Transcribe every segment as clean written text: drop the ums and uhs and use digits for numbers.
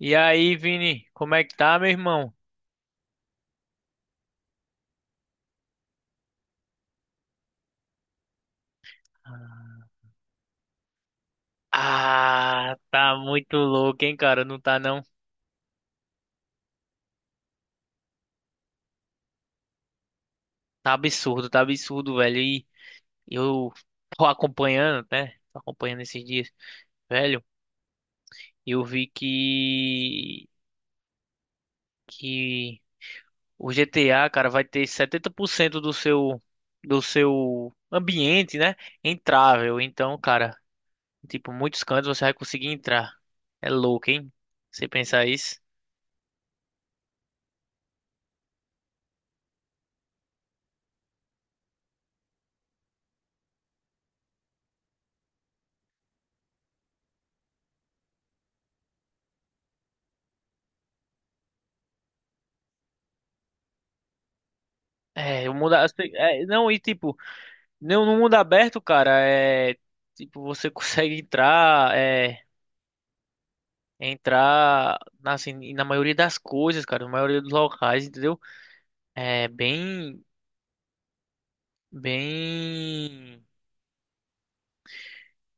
E aí, Vini, como é que tá, meu irmão? Ah, tá muito louco, hein, cara? Não tá não. Tá absurdo, velho. E eu tô acompanhando, né? Tô acompanhando esses dias, velho. Eu vi que o GTA, cara, vai ter 70% do seu ambiente, né? Entrável. Então, cara, tipo, muitos cantos você vai conseguir entrar. É louco, hein? Você pensar isso? É, eu mudar. É, não, e tipo, não, no mundo aberto, cara, é tipo, você consegue entrar, é entrar na, assim, na maioria das coisas, cara, na maioria dos locais, entendeu? É bem,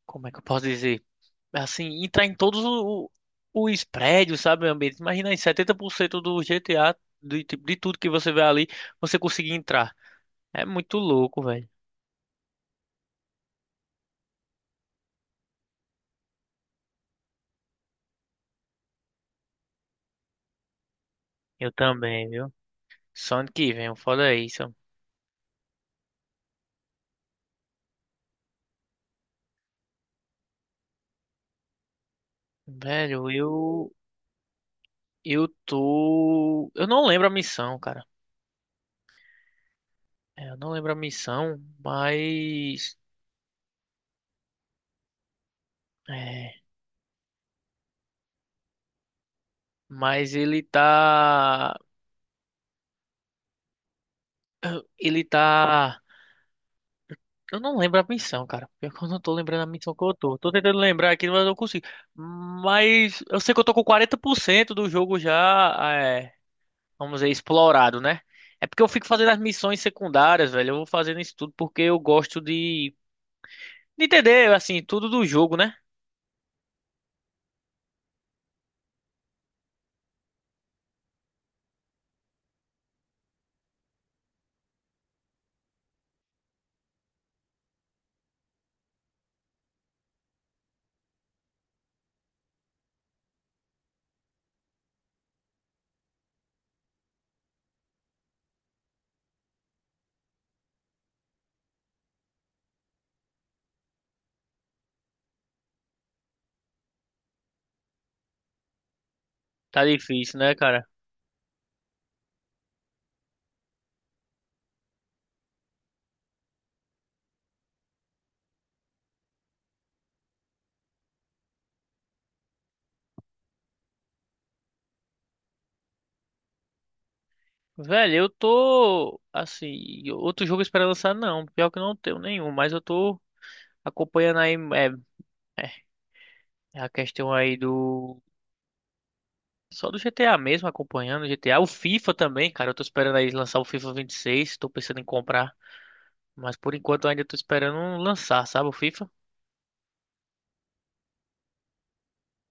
como é que eu posso dizer? Assim, entrar em os prédios, sabe, meu ambiente? Imagina aí, 70% do GTA, do, tipo, de tudo que você vê ali, você conseguir entrar. É muito louco, velho. Eu também, viu? Só ano que vem, foda isso. Velho, eu. Eu tô. Eu não lembro a missão, cara. É, eu não lembro a missão, mas. É. Mas ele tá. Ele tá. Eu não lembro a missão, cara. Pior que eu não tô lembrando a missão que eu tô. Tô tentando lembrar aqui, mas eu não consigo. Mas eu sei que eu tô com 40% do jogo já, é, vamos dizer, explorado, né? É porque eu fico fazendo as missões secundárias, velho. Eu vou fazendo isso tudo porque eu gosto de entender, assim, tudo do jogo, né? Tá difícil, né, cara? Velho, eu tô assim, outro jogo esperando lançar não, pior que eu não tenho nenhum, mas eu tô acompanhando aí a questão aí do só do GTA mesmo, acompanhando o GTA, o FIFA também, cara, eu tô esperando aí lançar o FIFA 26, tô pensando em comprar, mas por enquanto eu ainda tô esperando lançar, sabe, o FIFA?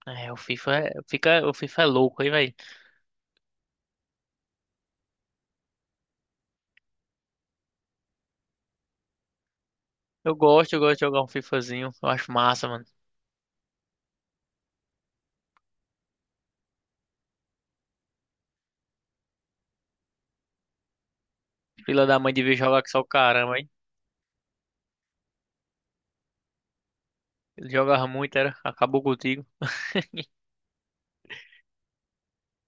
É, o FIFA é, fica, o FIFA é louco, aí velho. Eu gosto de jogar um FIFAzinho, eu acho massa, mano. Filha da mãe devia jogar que só o caramba, hein. Ele jogava muito, era, acabou contigo.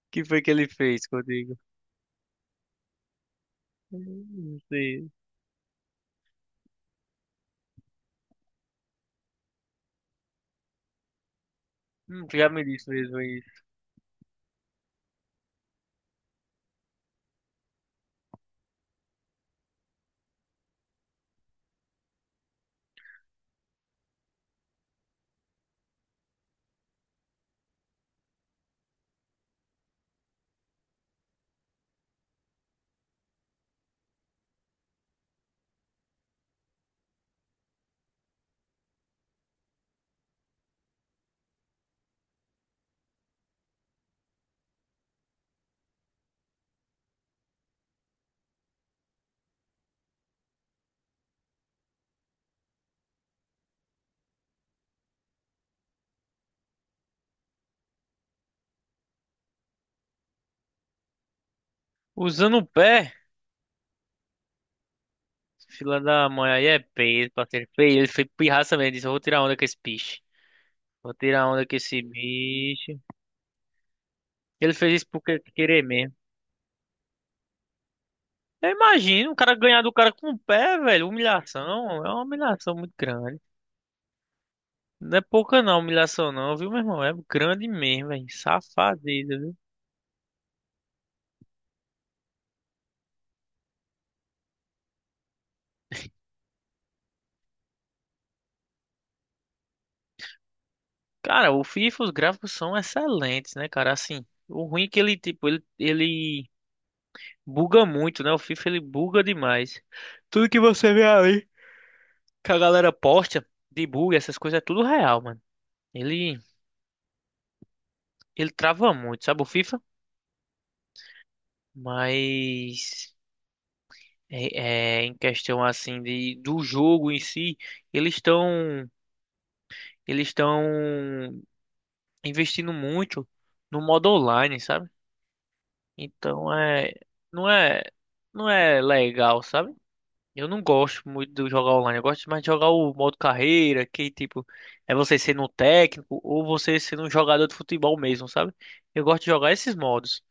O que foi que ele fez contigo? Não sei. Tu já me disse mesmo aí. Usando o pé, fila da mãe aí é peso pra ser feio. Ele foi pirraça mesmo. Disse: eu vou tirar onda com esse bicho. Vou tirar onda com esse bicho. Ele fez isso porque querer mesmo. Eu imagino o cara ganhar do cara com o pé, velho. Humilhação. É uma humilhação muito grande. Não é pouca não, humilhação não, viu, meu irmão? É grande mesmo, velho. Safadeza, viu? Cara, o FIFA, os gráficos são excelentes, né, cara? Assim, o ruim é que ele, tipo, ele buga muito, né? O FIFA ele buga demais. Tudo que você vê ali, que a galera posta de bug, essas coisas, é tudo real, mano. Ele, ele trava muito, sabe o FIFA? Mas é, é, em questão assim de do jogo em si, eles estão eles estão investindo muito no modo online, sabe? Então é não é não é legal, sabe? Eu não gosto muito de jogar online. Eu gosto mais de jogar o modo carreira, que tipo, é você sendo um técnico ou você sendo um jogador de futebol mesmo, sabe? Eu gosto de jogar esses modos.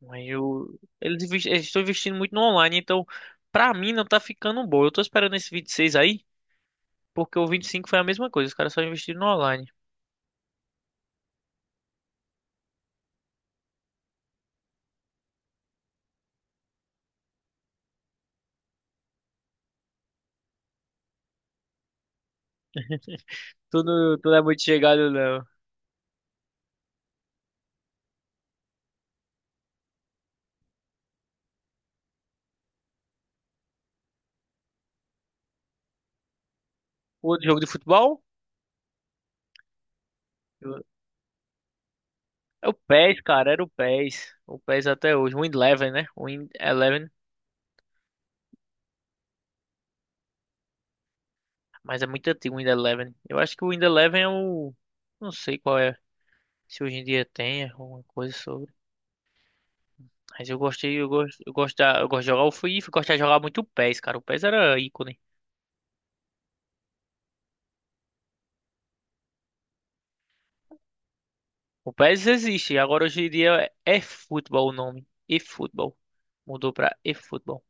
Mas eu, eles, eles estão investindo muito no online, então pra mim não tá ficando bom. Eu tô esperando esse 26 aí, porque o 25 foi a mesma coisa. Os caras só investiram no online. Tu não é muito chegado, não. O outro jogo de futebol? Eu- É o PES, cara. Era o PES. O PES até hoje. O Win Eleven, né? O Win Eleven. Mas é muito antigo o Windows Eleven. Eu acho que o Windows Eleven é o. Não sei qual é. Se hoje em dia tem alguma coisa sobre. Mas eu gostei, eu gosto, eu gosto, eu gosto de jogar o FIFA, eu gosto de jogar muito o PES, cara. O PES era ícone. O PES existe, agora hoje em dia é futebol o nome. E-futebol. Mudou pra e-futebol.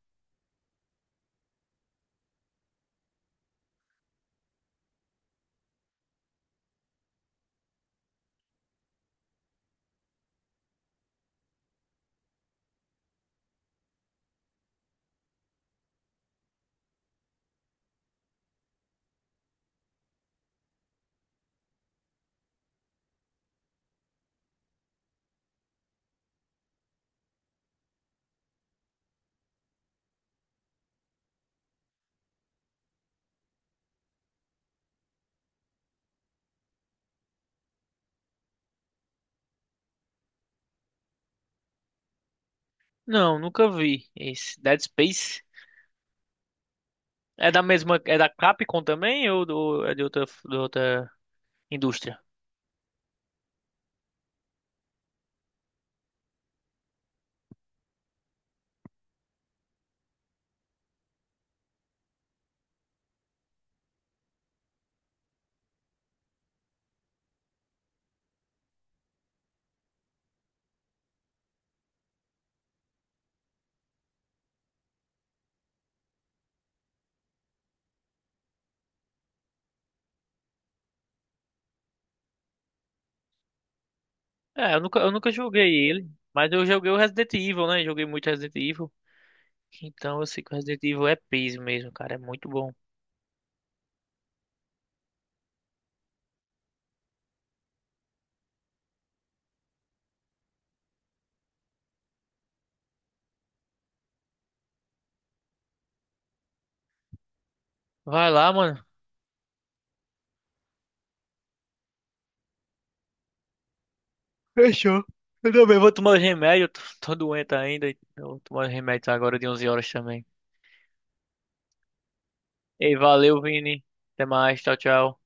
Não, nunca vi esse. Dead Space é da mesma, é da Capcom também ou do, é de outra indústria? É, eu nunca joguei ele, mas eu joguei o Resident Evil, né? Joguei muito Resident Evil. Então eu sei que o Resident Evil é peso mesmo, cara. É muito bom. Vai lá, mano. Fechou. Eu também vou tomar os remédios. Tô, tô doente ainda. Então eu vou tomar os remédios agora de 11 horas também. Ei, valeu, Vini. Até mais. Tchau, tchau.